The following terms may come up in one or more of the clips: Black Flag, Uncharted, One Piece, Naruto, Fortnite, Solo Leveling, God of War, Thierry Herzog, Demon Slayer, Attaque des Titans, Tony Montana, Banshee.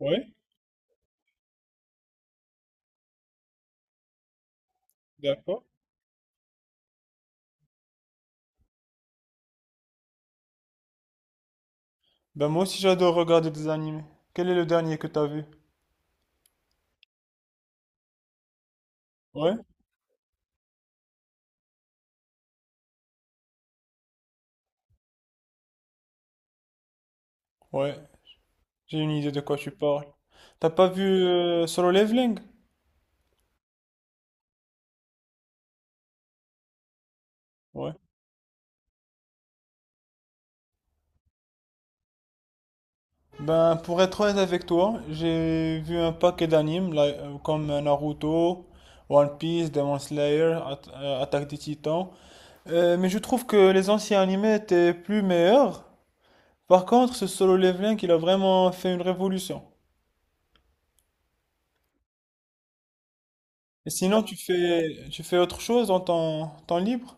Ouais, d'accord. Ben moi aussi j'adore regarder des animés. Quel est le dernier que t'as vu? Ouais, ouais, j'ai une idée de quoi tu parles. T'as pas vu Solo Leveling? Ouais, ben pour être honnête avec toi, j'ai vu un paquet d'animes là, comme Naruto, One Piece, Demon Slayer, Attaque des Titans. Mais je trouve que les anciens animés étaient plus meilleurs. Par contre, ce Solo Leveling, il a vraiment fait une révolution. Et sinon, tu fais autre chose en temps libre?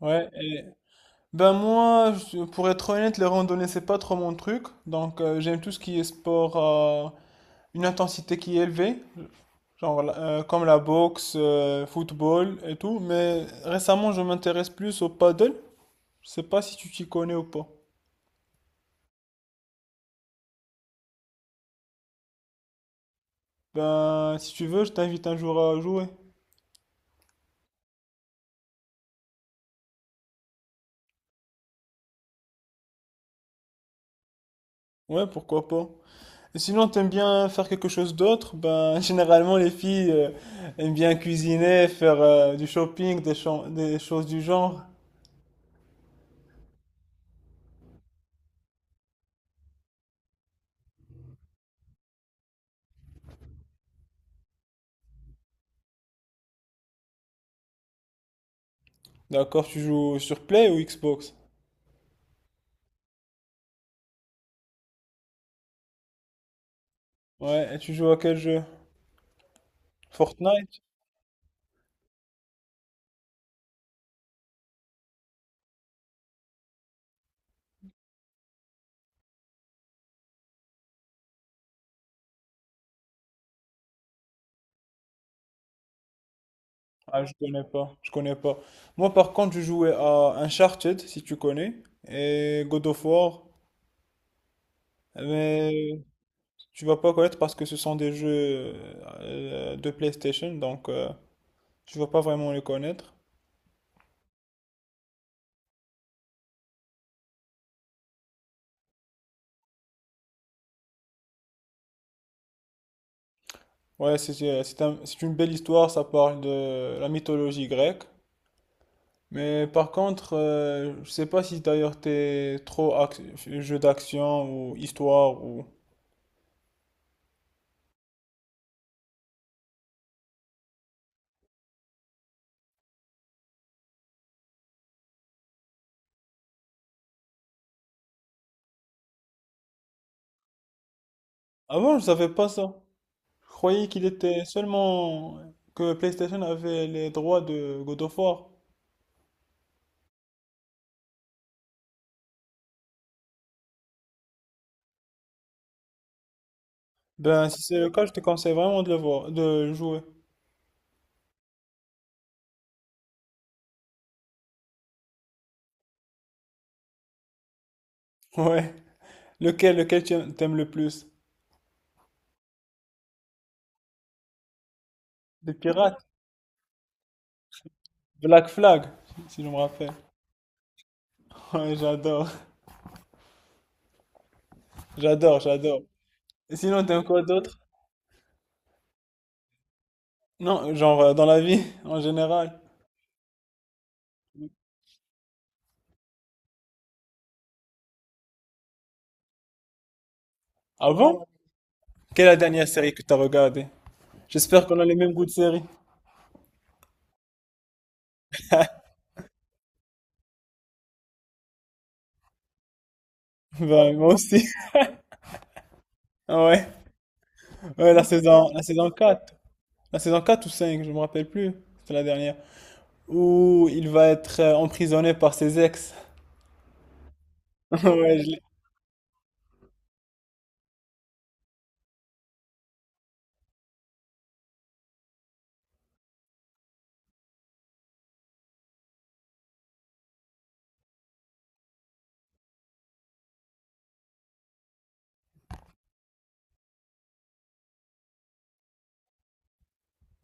Ouais, et ben moi, je- pour être honnête, les randonnées, c'est pas trop mon truc. Donc, j'aime tout ce qui est sport à une intensité qui est élevée, genre comme la boxe, football et tout. Mais récemment, je m'intéresse plus au paddle. Je sais pas si tu t'y connais ou pas. Ben, si tu veux, je t'invite un jour à jouer. Ouais, pourquoi pas. Et sinon, t'aimes bien faire quelque chose d'autre? Ben, généralement, les filles aiment bien cuisiner, faire du shopping, des, des choses du genre. D'accord, tu joues sur Play ou Xbox? Ouais, et tu joues à quel jeu? Fortnite? Ah, je connais pas, je connais pas. Moi, par contre, je jouais à Uncharted, si tu connais, et God of War, mais tu vas pas connaître parce que ce sont des jeux de PlayStation, donc tu vas pas vraiment les connaître. Ouais, c'est un- c'est une belle histoire, ça parle de la mythologie grecque. Mais par contre, je sais pas si d'ailleurs t'es trop jeu d'action ou histoire ou… Avant, je savais pas ça. Je croyais qu'il était seulement que PlayStation avait les droits de God of War. Ben, si c'est le cas, je te conseille vraiment de le voir, de le jouer. Ouais. Lequel t'aimes le plus? Les pirates? Black Flag, si je me rappelle. Ouais, j'adore. J'adore, j'adore. Et sinon, t'aimes quoi d'autre? Non, genre dans la vie, en général. Avant? Quelle est la dernière série que tu as regardée? J'espère qu'on a les mêmes goûts de série. Bah, moi aussi. Ouais, ouais, la saison quatre. La saison 4 ou 5, je me rappelle plus. C'était la dernière. Où il va être emprisonné par ses ex. Ouais, je l'ai-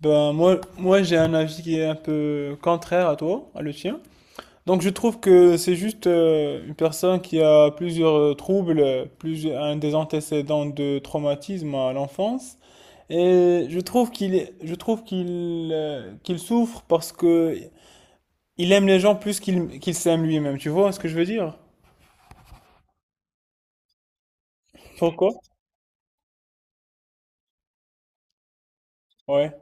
Ben, moi j'ai un avis qui est un peu contraire à toi, à le tien. Donc je trouve que c'est juste une personne qui a plusieurs troubles, plus un des antécédents de traumatisme à l'enfance. Et je trouve je trouve qu'il qu'il souffre parce que il aime les gens plus qu'il s'aime lui-même. Tu vois ce que je veux dire? Pourquoi? Ouais.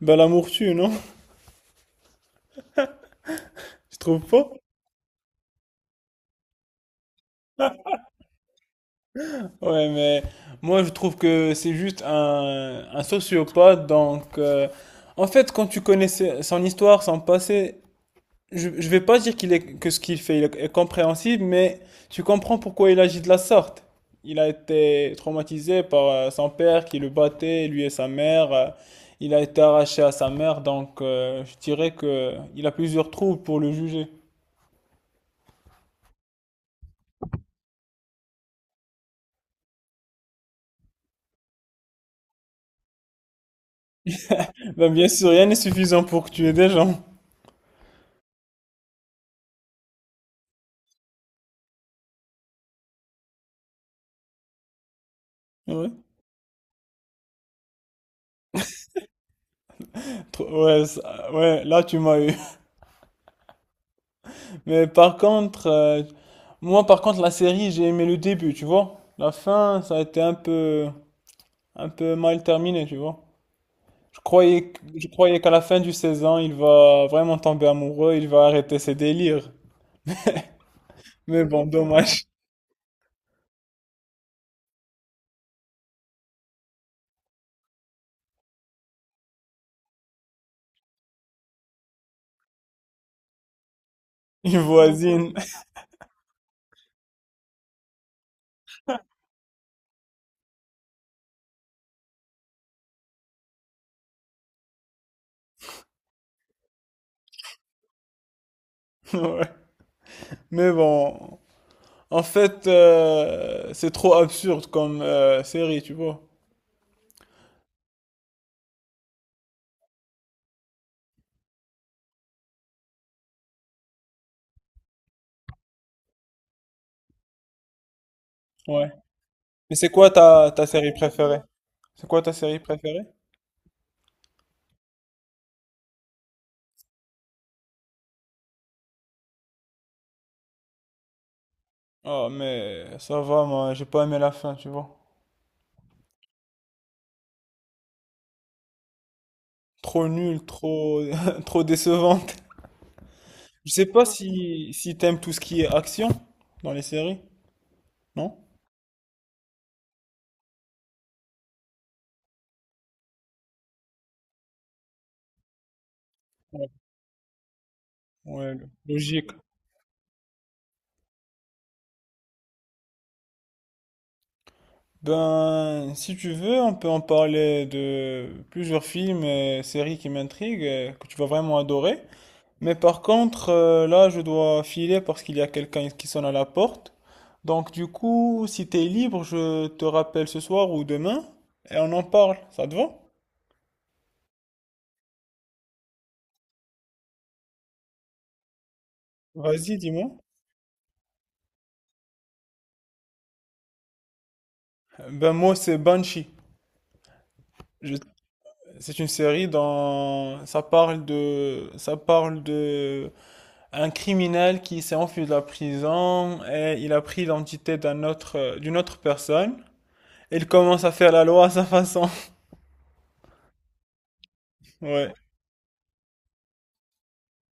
Ben l'amour tue, non? Je trouve pas? Ouais, mais moi je trouve que c'est juste un sociopathe. Donc en fait, quand tu connais son histoire, son passé. Je vais pas dire qu'il est, que ce qu'il fait il est compréhensible, mais tu comprends pourquoi il agit de la sorte. Il a été traumatisé par son père qui le battait, lui et sa mère. Il a été arraché à sa mère, donc je dirais que il a plusieurs trous pour le juger. Ben, bien sûr, rien n'est suffisant pour tuer des gens. Ouais. Ouais, ouais, là tu m'as eu. Mais par contre, moi par contre la série j'ai aimé le début, tu vois. La fin ça a été un peu mal terminé, tu vois. Je croyais qu'à la fin du saison il va vraiment tomber amoureux, il va arrêter ses délires. Mais bon, dommage, il voisine. Ouais. Mais bon, en fait, c'est trop absurde comme série, tu vois. Ouais. Mais c'est quoi ta série préférée? C'est quoi ta série préférée? Oh, mais ça va, moi, j'ai pas aimé la fin, tu vois. Trop nulle, trop, trop décevante. Je sais pas si, si t'aimes tout ce qui est action dans les séries, non? Ouais, logique. Ben, si tu veux, on peut en parler de plusieurs films et séries qui m'intriguent et que tu vas vraiment adorer. Mais par contre, là, je dois filer parce qu'il y a quelqu'un qui sonne à la porte. Donc, du coup, si t'es libre, je te rappelle ce soir ou demain et on en parle. Ça te va? Vas-y, dis-moi. Ben, moi, c'est Banshee. Je- C'est une série dans, ça parle de un criminel qui s'est enfui de la prison et il a pris l'identité d'un autre, d'une autre personne. Il commence à faire la loi à sa façon. Ouais.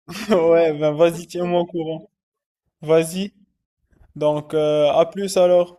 Ouais, ben vas-y, tiens-moi au courant. Vas-y. Donc, à plus alors.